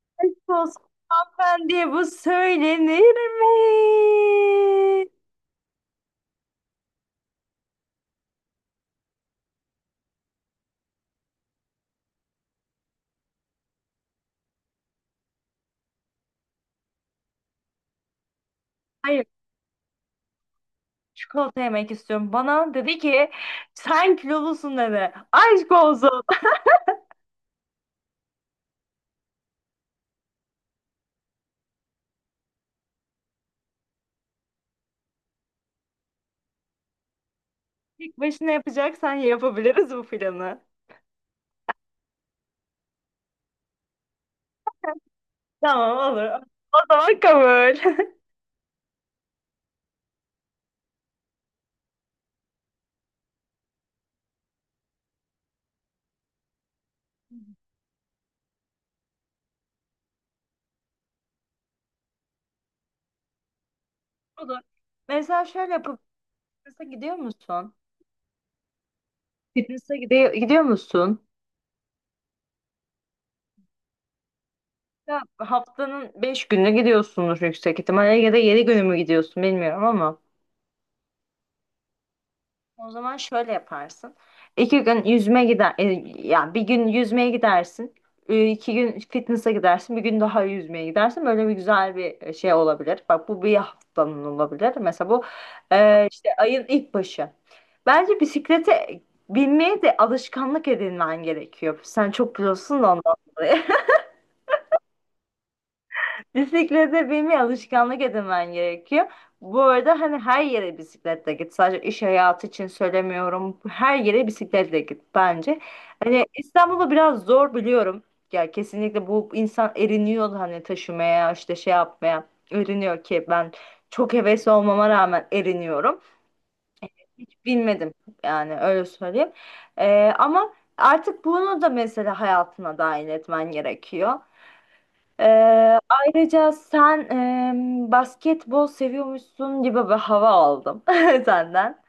Aşk olsun, hanımefendiye bu söylenir mi? Hayır. Çikolata yemek istiyorum. Bana dedi ki sen kilolusun dedi. Aşk olsun. Tek başına yapacaksan yapabiliriz bu planı. Tamam, olur. O zaman kabul. Olur. Mesela şöyle yapıp fitness'a gidiyor musun? Fitness'a gidiyor musun? Ya haftanın beş günü gidiyorsunuz yüksek ihtimalle ya da 7 günü mü gidiyorsun, bilmiyorum ama. O zaman şöyle yaparsın. İki gün yüzme gider, yani bir gün yüzmeye gidersin, iki gün fitness'a gidersin, bir gün daha yüzmeye gidersin. Böyle bir güzel bir şey olabilir. Bak, bu bir haftanın olabilir. Mesela bu işte ayın ilk başı. Bence bisiklete binmeye de alışkanlık edinmen gerekiyor. Sen çok biliyorsun da ondan dolayı. Bisiklete binmeye alışkanlık edinmen gerekiyor. Bu arada hani her yere bisikletle git. Sadece iş hayatı için söylemiyorum. Her yere bisikletle git bence. Hani İstanbul'da biraz zor biliyorum. Ya kesinlikle bu insan eriniyor hani taşımaya işte şey yapmaya. Eriniyor ki ben çok hevesli olmama rağmen eriniyorum. Hiç binmedim yani, öyle söyleyeyim. Ama artık bunu da mesela hayatına dahil etmen gerekiyor. Ayrıca sen basketbol seviyormuşsun gibi bir hava aldım senden.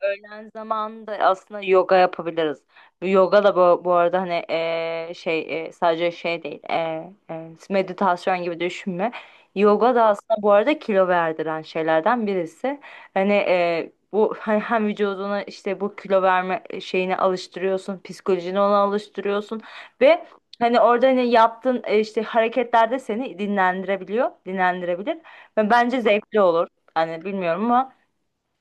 Öğlen zamanında aslında yoga yapabiliriz. Bu yoga da bu arada hani şey sadece şey değil, meditasyon gibi düşünme. Yoga da aslında bu arada kilo verdiren şeylerden birisi. Hani bu hani hem vücuduna işte bu kilo verme şeyini alıştırıyorsun, psikolojini ona alıştırıyorsun ve hani orada hani yaptığın işte hareketler de seni dinlendirebiliyor, dinlendirebilir. Ve bence zevkli olur. Hani bilmiyorum ama.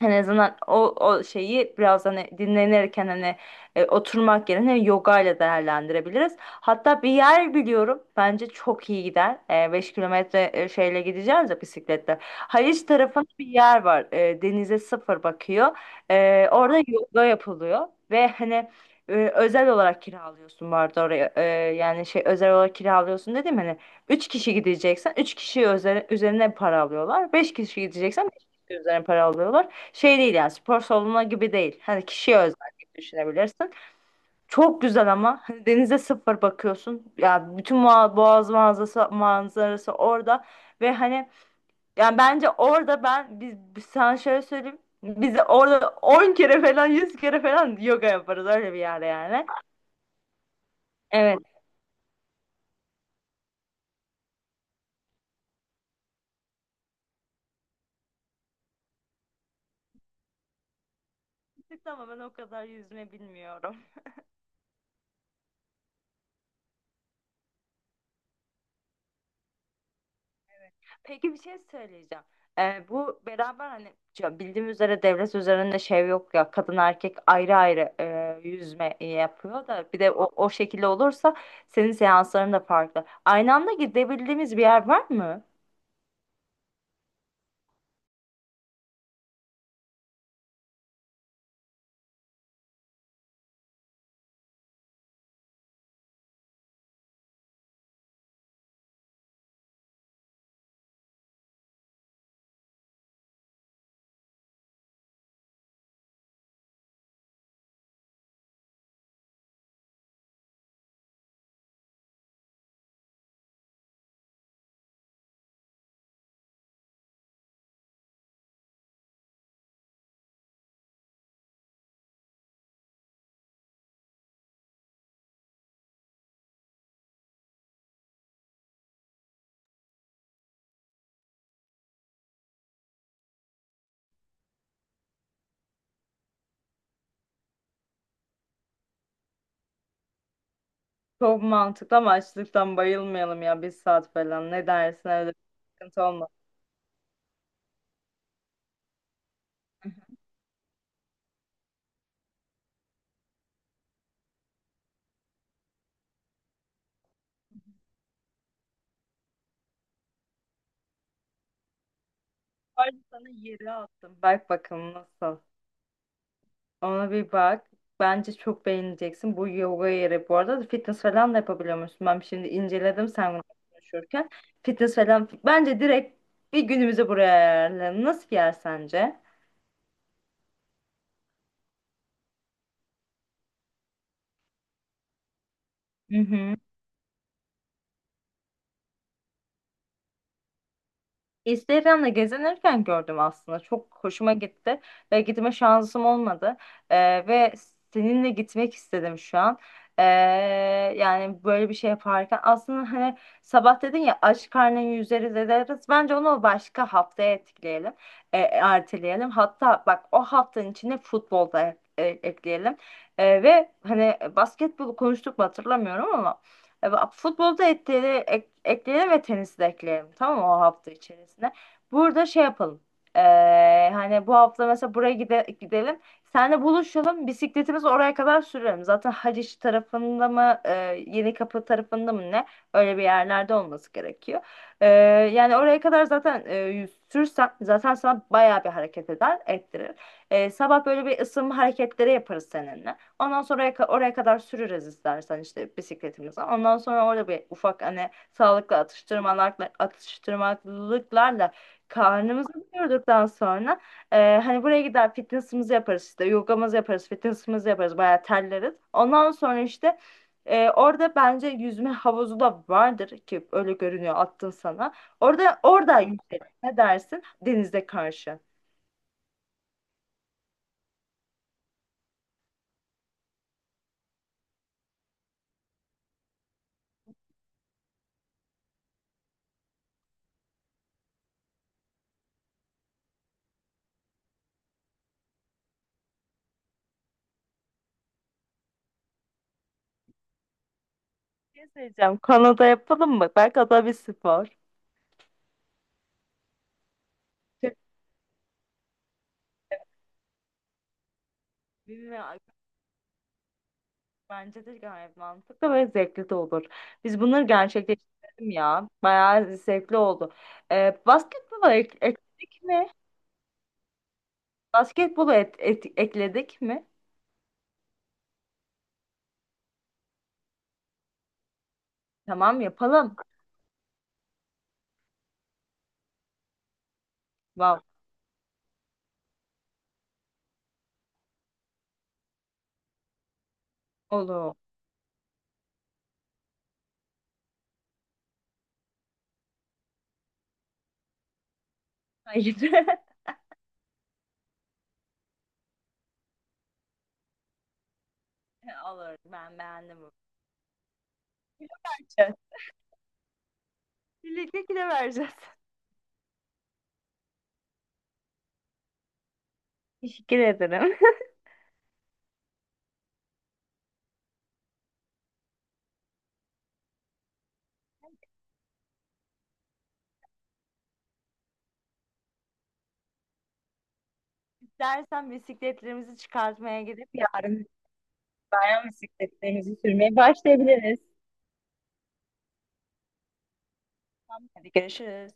En azından o şeyi biraz hani dinlenirken hani oturmak yerine yoga ile değerlendirebiliriz. Hatta bir yer biliyorum, bence çok iyi gider. 5 kilometre şeyle gideceğiz ya, bisikletle. Haliç tarafında bir yer var. Denize sıfır bakıyor. Orada yoga yapılıyor ve hani özel olarak kiralıyorsun bu arada oraya. Yani şey özel olarak kiralıyorsun dedim hani. 3 kişi gideceksen 3 kişi üzerine para alıyorlar. 5 kişi gideceksen 5 kişi üzerine para alıyorlar. Şey değil, yani spor salonu gibi değil. Hani kişiye özel gibi düşünebilirsin. Çok güzel ama hani denize sıfır bakıyorsun. Ya bütün boğaz manzarası orada ve hani yani bence orada ben biz sana şöyle söyleyeyim. Biz orada 10 kere falan 100 kere falan yoga yaparız öyle bir yerde yani. Evet. Ama ben o kadar yüzme bilmiyorum. Peki, bir şey söyleyeceğim. Bu beraber hani ya bildiğim üzere devlet üzerinde şey yok ya, kadın erkek ayrı ayrı yüzme yapıyor da bir de o şekilde olursa senin seansların da farklı. Aynı anda gidebildiğimiz bir yer var mı? Çok mantıklı ama açlıktan bayılmayalım ya, bir saat falan. Ne dersin öyle bir, sıkıntı olmaz. Ayrıca sana yeri attım. Bak bakalım nasıl. Ona bir bak. Bence çok beğeneceksin. Bu yoga yeri bu arada fitness falan da yapabiliyor musun? Ben şimdi inceledim sen bunu konuşurken. Fitness falan. Bence direkt bir günümüzü buraya ayarlayalım. Nasıl bir yer sence? Hı hı. Instagram'da gezinirken gördüm aslında. Çok hoşuma gitti ve gitme şansım olmadı. Ve seninle gitmek istedim şu an. Ee, Yani böyle bir şey yaparken aslında hani sabah dedin ya aç karnın yüzeriz ederiz. Bence onu başka haftaya etkileyelim. Erteleyelim. Hatta bak, o haftanın içine futbolda ekleyelim. Ve hani basketbolu konuştuk mu hatırlamıyorum ama bak, futbolda ekleyelim ve tenisi de ekleyelim. Tamam mı, o hafta içerisinde? Burada şey yapalım. E, Hani bu hafta mesela buraya gidelim. Seninle buluşalım. Bisikletimizi oraya kadar sürelim. Zaten Haliç tarafında mı Yenikapı tarafında mı ne? Öyle bir yerlerde olması gerekiyor. E, Yani oraya kadar zaten sürsen zaten sana bayağı bir hareket eder, ettirir. Sabah böyle bir ısınma hareketleri yaparız seninle. Ondan sonra oraya kadar sürürüz istersen işte bisikletimizi. Ondan sonra orada bir ufak hani sağlıklı atıştırmalarla, atıştırmalıklarla karnımızı doyurduktan sonra hani buraya gider fitness'ımızı yaparız işte yogamızı yaparız, fitness'ımızı yaparız bayağı terleriz. Ondan sonra işte orada bence yüzme havuzu da vardır ki öyle görünüyor attın sana. Orada yüzelim. Ne dersin? Denize karşı. Ne diyeceğim? Kanada yapalım mı? Belki o bir spor. Bilmiyorum. Bence de gayet mantıklı ve zevkli de olur. Biz bunları gerçekleştirelim ya. Bayağı zevkli oldu. Basketbolu ekledik mi? Basketbolu ekledik mi? Tamam, yapalım. Wow. Olur. Hayır. Olur. Ben beğendim bu fikri. Birlikte kilo vereceğiz. Teşekkür ederim. İstersen bisikletlerimizi çıkartmaya gidip yarın bayan bisikletlerimizi sürmeye başlayabiliriz. Tamam, hadi görüşürüz.